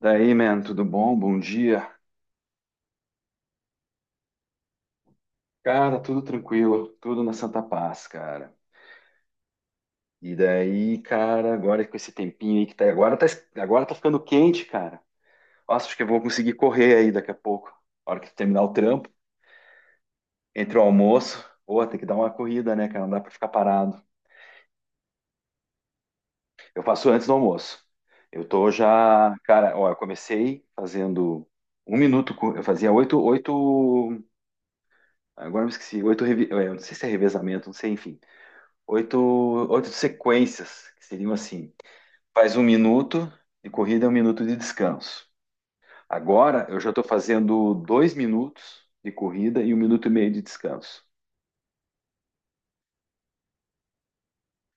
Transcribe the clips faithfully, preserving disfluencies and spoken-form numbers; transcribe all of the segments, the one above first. Daí, man, tudo bom? Bom dia. Cara, tudo tranquilo, tudo na Santa Paz, cara. E daí, cara, agora com esse tempinho aí que tá, agora tá, agora tá ficando quente, cara. Nossa, acho que eu vou conseguir correr aí daqui a pouco. A hora que terminar o trampo, entre o almoço, pô, tem que dar uma corrida, né, cara? Não dá pra ficar parado. Eu faço antes do almoço. Eu tô já, cara, ó, eu comecei fazendo um minuto, co- eu fazia oito, oito, agora eu me esqueci, oito, revi- é, eu não sei se é revezamento, não sei, enfim. Oito, oito sequências, que seriam assim: faz um minuto de corrida e um minuto de descanso. Agora eu já estou fazendo dois minutos de corrida e um minuto e meio de descanso.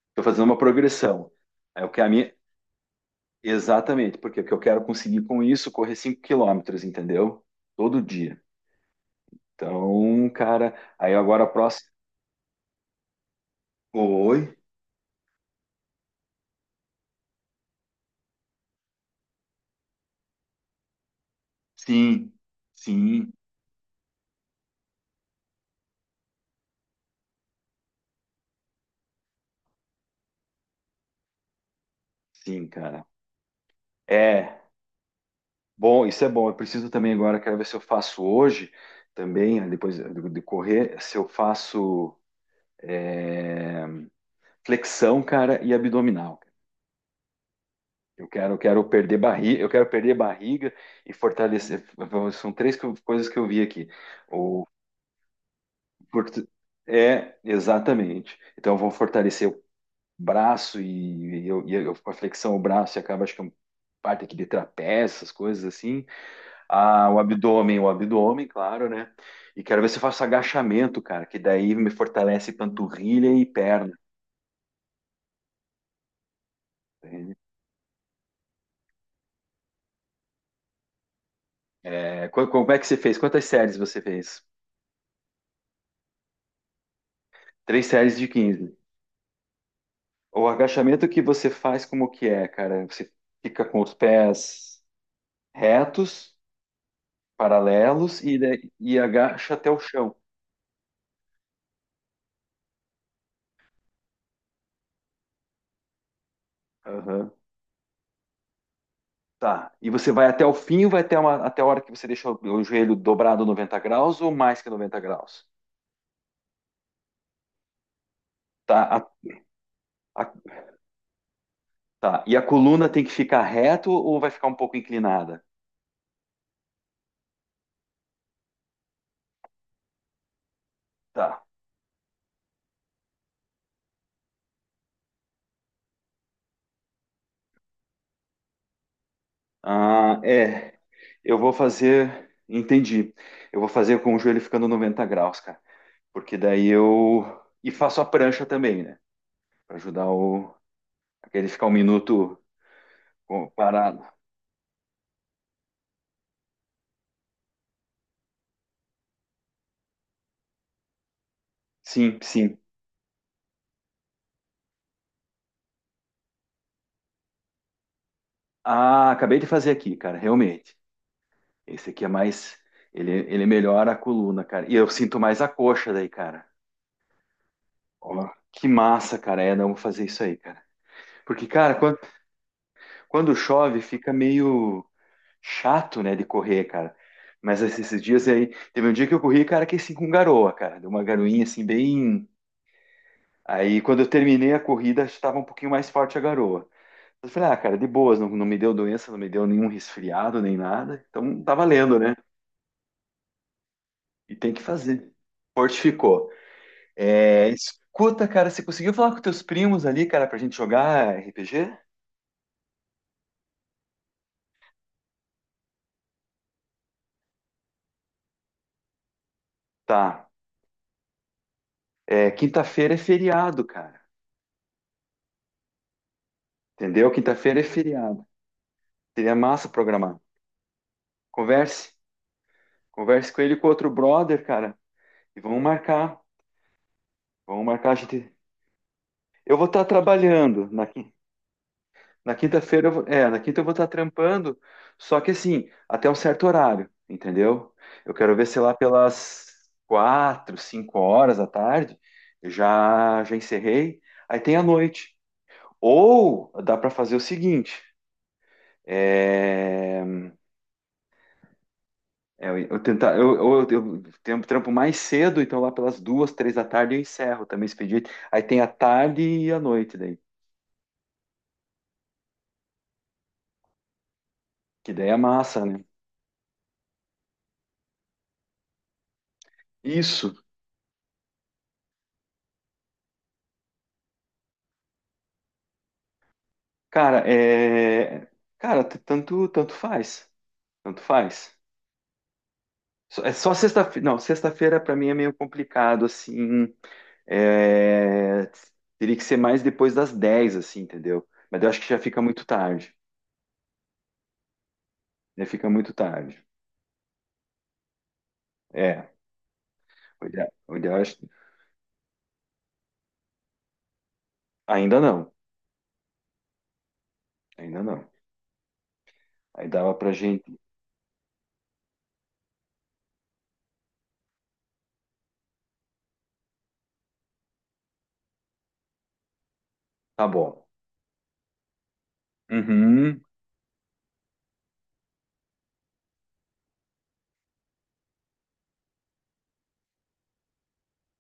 Estou fazendo uma progressão. É o que a minha. Exatamente, porque o que eu quero conseguir com isso, correr cinco quilômetros, entendeu? Todo dia. Então, cara, aí agora a próxima. Oi? Sim, sim, sim, cara. É, Bom, isso é bom. Eu preciso também agora, quero ver se eu faço hoje também, né, depois de de correr, se eu faço é, flexão, cara, e abdominal. Eu quero, eu quero perder barriga, eu quero perder barriga e fortalecer. São três co- coisas que eu vi aqui. O forte- é exatamente. Então eu vou fortalecer o braço e, e eu, e eu- com a flexão o braço e acaba acho que é uma parte aqui de trapézio, essas coisas assim. Ah, o abdômen, o abdômen, claro, né? E quero ver se eu faço agachamento, cara, que daí me fortalece panturrilha e perna. É, co- como é que você fez? Quantas séries você fez? Três séries de quinze. O agachamento que você faz, como que é, cara? Você fica com os pés retos, paralelos e, daí- e agacha até o chão. Aham. Tá. E você vai até o fim, vai até, uma, até a hora que você deixa o, o joelho dobrado noventa graus ou mais que noventa graus? Tá. A- Tá. E a coluna tem que ficar reto ou vai ficar um pouco inclinada? Tá. Ah, é. Eu vou fazer. Entendi. Eu vou fazer com o joelho ficando noventa graus, cara. Porque daí eu. E faço a prancha também, né? Pra ajudar o. Aquele ficar um minuto com- parado. Sim, sim. Ah, acabei de fazer aqui, cara. Realmente. Esse aqui é mais. Ele, ele melhora a coluna, cara. E eu sinto mais a coxa daí, cara. Ó, que massa, cara. É, não vou fazer isso aí, cara. Porque, cara, quan- quando chove, fica meio chato, né, de correr, cara. Mas esses esses dias aí, teve um dia que eu corri, cara, que assim com garoa, cara. Deu uma garoinha assim bem. Aí quando eu terminei a corrida, estava um pouquinho mais forte a garoa. Eu falei, ah, cara, de boas, não, não me deu doença, não me deu nenhum resfriado, nem nada. Então tá valendo, né? E tem que fazer. Fortificou. É, escuta, cara, você conseguiu falar com teus primos ali, cara, pra gente jogar R P G? Tá. É, quinta-feira é feriado, cara. Entendeu? Quinta-feira é feriado. Seria massa programar. Converse, converse com ele e com outro brother, cara, e vamos marcar, vamos marcar a gente. Eu vou estar trabalhando na, quin- na quinta-feira, eu vou- é, na quinta eu vou estar trampando, só que assim, até um certo horário, entendeu? Eu quero ver, sei lá, pelas quatro, cinco horas da tarde, eu já já encerrei. Aí tem a noite. Ou dá para fazer o seguinte, é, É, eu, eu tentar, eu, eu, eu tenho trampo mais cedo, então lá pelas duas, três da tarde eu encerro também esse pedido. Aí tem a tarde e a noite daí, que daí é massa, né? Isso, cara, é, cara, t- tanto, tanto faz, tanto faz. Só- É só sexta-feira, não, sexta-feira pra mim é meio complicado, assim, é, teria que ser mais depois das dez assim, entendeu? Mas eu acho que já fica muito tarde, já fica muito tarde. É, o ideal, o ideal é- ainda não, ainda não. Aí dava pra gente. Tá bom. Uhum.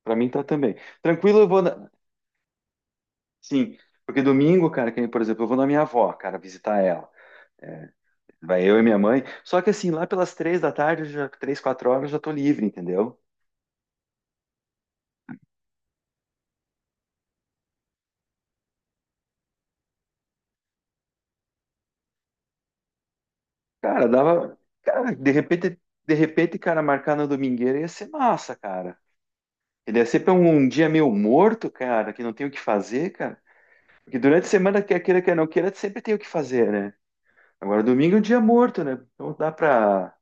Pra mim tá também. Tranquilo, eu vou. Na- Sim, porque domingo, cara, que nem, por exemplo, eu vou na minha avó, cara, visitar ela. É, vai eu e minha mãe. Só que assim, lá pelas três da tarde, eu já, três, quatro horas, eu já tô livre, entendeu? Cara, dava. Cara, de repente, de repente, cara, marcar na domingueira ia ser massa, cara. Ele ia ser pra um, um dia meio morto, cara, que não tem o que fazer, cara. Porque durante a semana, quer queira, quer não queira, sempre tem o que fazer, né? Agora, domingo é um dia morto, né? Então dá pra.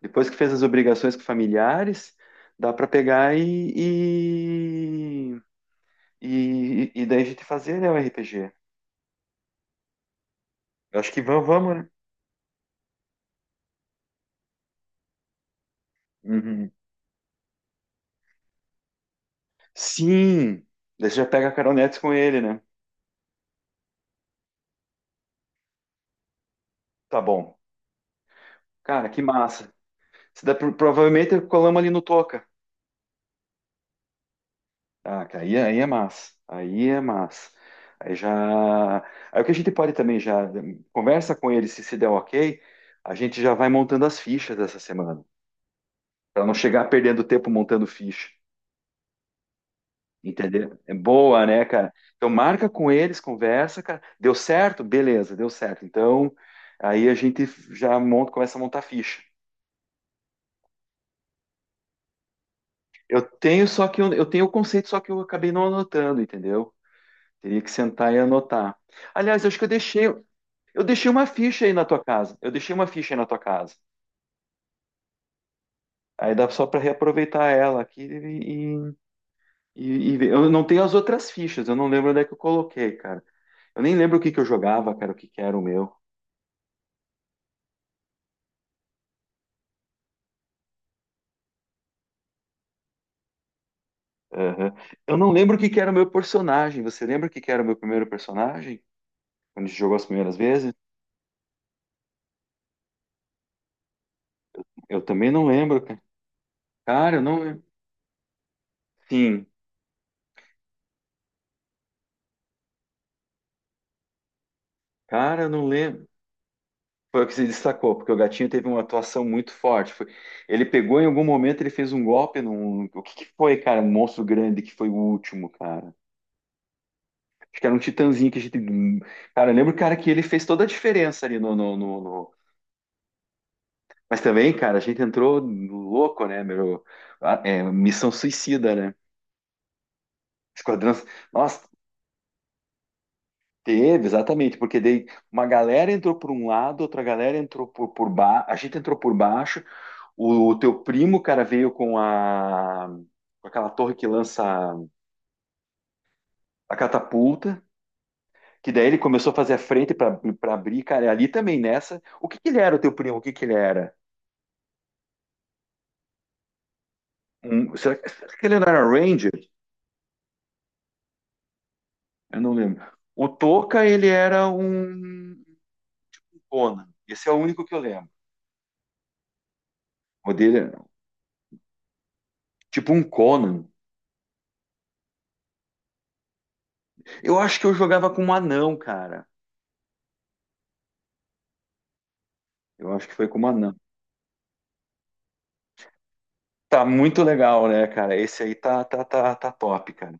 Depois que fez as obrigações com familiares, dá para pegar e, e, e, e daí a gente fazer, né, o R P G. Eu acho que vamos, vamos, né? Uhum. Sim! Daí você já pega a Carol Nets com ele, né? Tá bom. Cara, que massa. Se dá, pro- provavelmente colamos ali no Toca. Ah, cara, aí, é, aí é massa. Aí é massa. Aí já. Aí o que a gente pode também já. Conversa com ele se se der ok. A gente já vai montando as fichas dessa semana. Para não chegar perdendo tempo montando ficha. Entendeu? É boa, né, cara? Então marca com eles, conversa, cara. Deu certo? Beleza, deu certo. Então aí a gente já monta, começa a montar a ficha. Eu tenho só que eu, eu tenho o conceito, só que eu acabei não anotando, entendeu? Teria que sentar e anotar. Aliás, eu acho que eu deixei, eu deixei uma ficha aí na tua casa. Eu deixei uma ficha aí na tua casa. Aí dá só para reaproveitar ela aqui e, e, e ver. Eu não tenho as outras fichas, eu não lembro onde é que eu coloquei, cara. Eu nem lembro o que que eu jogava, cara, o que que era o meu. Aham. Eu não lembro o que que era o meu personagem. Você lembra o que que era o meu primeiro personagem? Quando a gente jogou as primeiras vezes? Eu também não lembro, cara. Cara, eu não lembro. Sim, cara, eu não lembro. Foi o que se destacou, porque o gatinho teve uma atuação muito forte. Foi- Ele pegou em algum momento, ele fez um golpe num. O que que foi, cara? Um monstro grande que foi o último, cara. Acho que era um titãzinho que a gente. Cara, eu lembro, cara, que ele fez toda a diferença ali no, no, no... no- Mas também, cara, a gente entrou louco, né, meu? Ah, É, missão suicida, né? Esquadrão. Nossa, teve, exatamente, porque daí uma galera entrou por um lado, outra galera entrou por, por baixo, a gente entrou por baixo, o, o teu primo, cara, veio com a com aquela torre que lança a catapulta, que daí ele começou a fazer a frente para abrir, cara, e ali também nessa. O que que ele era, o teu primo? O que que ele era? Um, será, que será que ele não era Ranger? Eu não lembro. O Toca, ele era um Conan. Esse é o único que eu lembro. O dele, era tipo um Conan. Eu acho que eu jogava com um anão, cara. Eu acho que foi com um anão. Tá muito legal, né, cara? Esse aí tá, tá, tá, tá top, cara.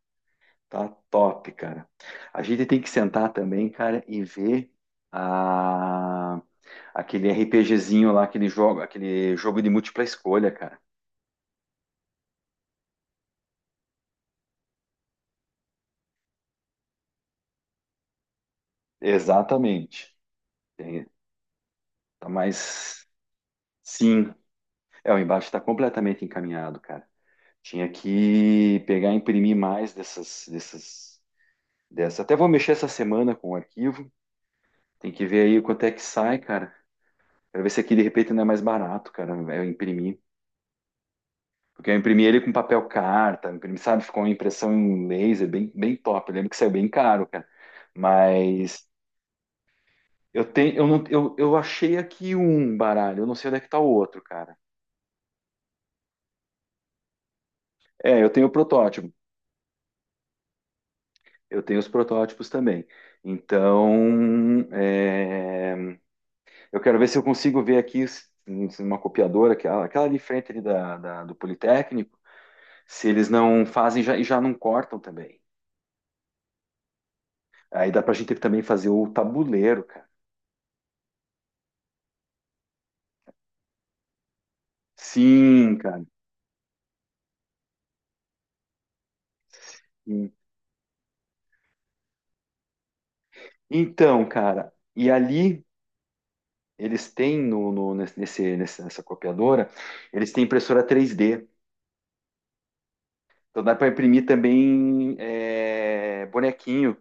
Tá top, cara. A gente tem que sentar também, cara, e ver a... aquele RPGzinho lá, aquele jogo, aquele jogo de múltipla escolha, cara. Exatamente. Tem, tá mais. Sim. É, o embate está completamente encaminhado, cara. Tinha que pegar e imprimir mais dessas, dessas, dessa. Até vou mexer essa semana com o arquivo. Tem que ver aí quanto é que sai, cara. Pra ver se aqui de repente não é mais barato, cara. é Eu imprimir. Porque eu imprimi ele com papel carta, imprimi, sabe? Ficou uma impressão em laser bem, bem top. Eu lembro que saiu bem caro, cara. Mas eu tenho, eu não, eu, eu achei aqui um baralho, eu não sei onde é que tá o outro, cara. É, eu tenho o protótipo. Eu tenho os protótipos também. Então, é, eu quero ver se eu consigo ver aqui se- se uma copiadora, aquela, aquela de frente ali da, da- do Politécnico. Se eles não fazem já, e já não cortam também. Aí dá pra gente também fazer o tabuleiro, cara. Sim, cara. Sim. Então, cara, e ali eles têm no, no- nesse, nesse- nessa copiadora, eles têm impressora três D. Então dá para imprimir também é, bonequinho.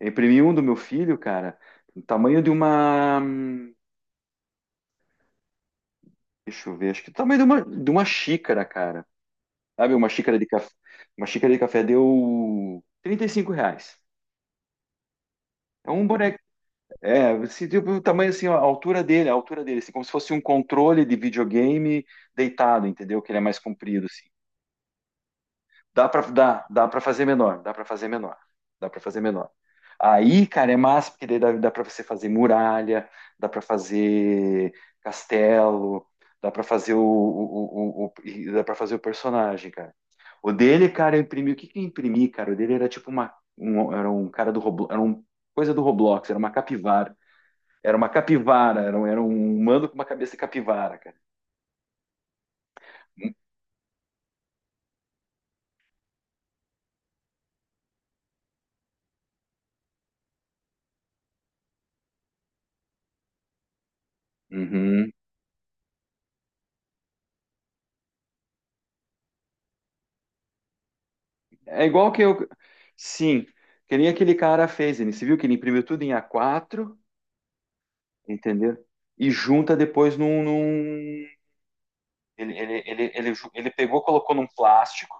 Eu imprimi um do meu filho, cara, do tamanho de uma. hum, Deixa eu ver, acho que do tamanho de uma, de uma xícara, cara. Sabe, uma xícara de café. Uma xícara de café deu trinta e cinco reais. É um boneco. É, se, tipo, o tamanho assim, a altura dele, a altura dele, assim, como se fosse um controle de videogame deitado, entendeu? Que ele é mais comprido, assim. Dá pra, dá, dá pra fazer menor, dá pra fazer menor, dá pra fazer menor. Aí, cara, é massa, porque daí dá, dá pra você fazer muralha, dá pra fazer castelo, dá pra fazer o, o, o, o- e dá pra fazer o personagem, cara. O dele, cara, eu imprimi, o que que eu imprimi, cara? O dele era tipo uma, um, era um cara do Roblox, era um coisa do Roblox, era uma capivara. Era uma capivara, era um, era um humano com uma cabeça de capivara, cara. Uhum. É igual que eu. Sim, que nem aquele cara fez, ele se viu que ele imprimiu tudo em A quatro, entendeu? E junta depois num. num- Ele, ele, ele, ele, ju- ele pegou, colocou num plástico,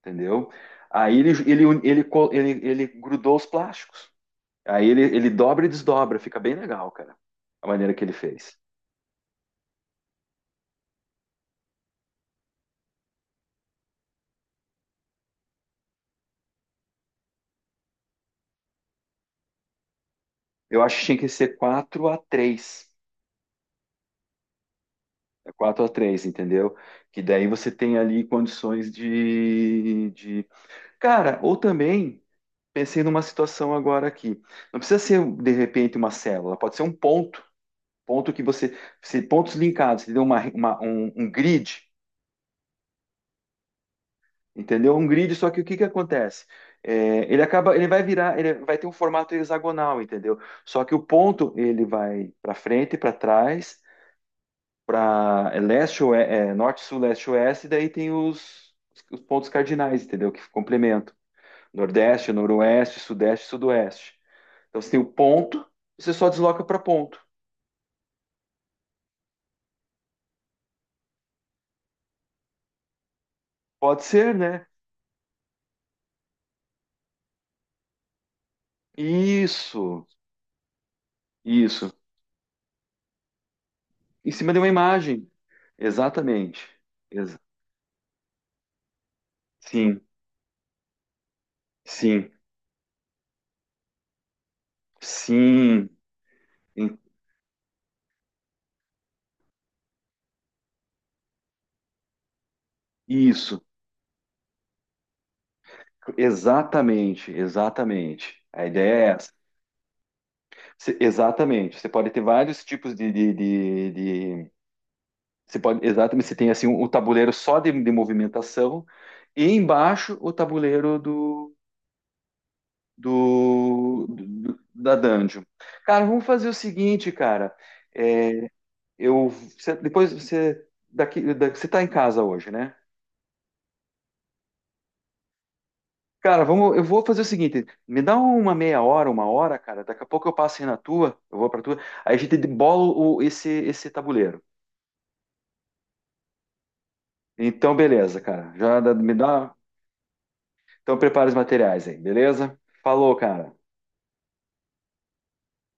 entendeu? Aí ele, ele, ele, co- ele, ele grudou os plásticos. Aí ele, ele dobra e desdobra, fica bem legal, cara, a maneira que ele fez. Eu acho que tinha que ser quatro a três, quatro a três, entendeu? Que daí você tem ali condições de, de... Cara, ou também, pensei numa situação agora aqui. Não precisa ser, de repente, uma célula, pode ser um ponto. Ponto que você. se- Pontos linkados, entendeu? Uma, uma- um, um grid, entendeu? Um grid, só que o que que acontece? É, ele acaba, ele vai virar, ele vai ter um formato hexagonal, entendeu? Só que o ponto ele vai para frente, para trás, para leste, oe- é, norte, sul, leste, oeste, e daí tem os, os pontos cardinais, entendeu? Que complementam. Nordeste, noroeste, sudeste, sudoeste. Então você tem o ponto, você só desloca para ponto. Pode ser, né? Isso, isso. Em cima de uma imagem. Exatamente. Ex- sim, sim, sim. Em- Isso. Exatamente, exatamente. A ideia é essa. Cê- Exatamente. Você pode ter vários tipos de, de, de, Você pode, exatamente, você tem assim o tabuleiro só de, de movimentação e embaixo o tabuleiro do, do, do- da dungeon. Cara, vamos fazer o seguinte, cara. É, eu você- depois você daqui, da- você tá em casa hoje, né? Cara, vamos, eu vou fazer o seguinte, me dá uma meia hora, uma hora, cara. Daqui a pouco eu passo aí na tua, eu vou pra tua. Aí a gente bola o, esse esse tabuleiro. Então, beleza, cara. Já dá- me dá. Então, prepara os materiais aí, beleza? Falou, cara.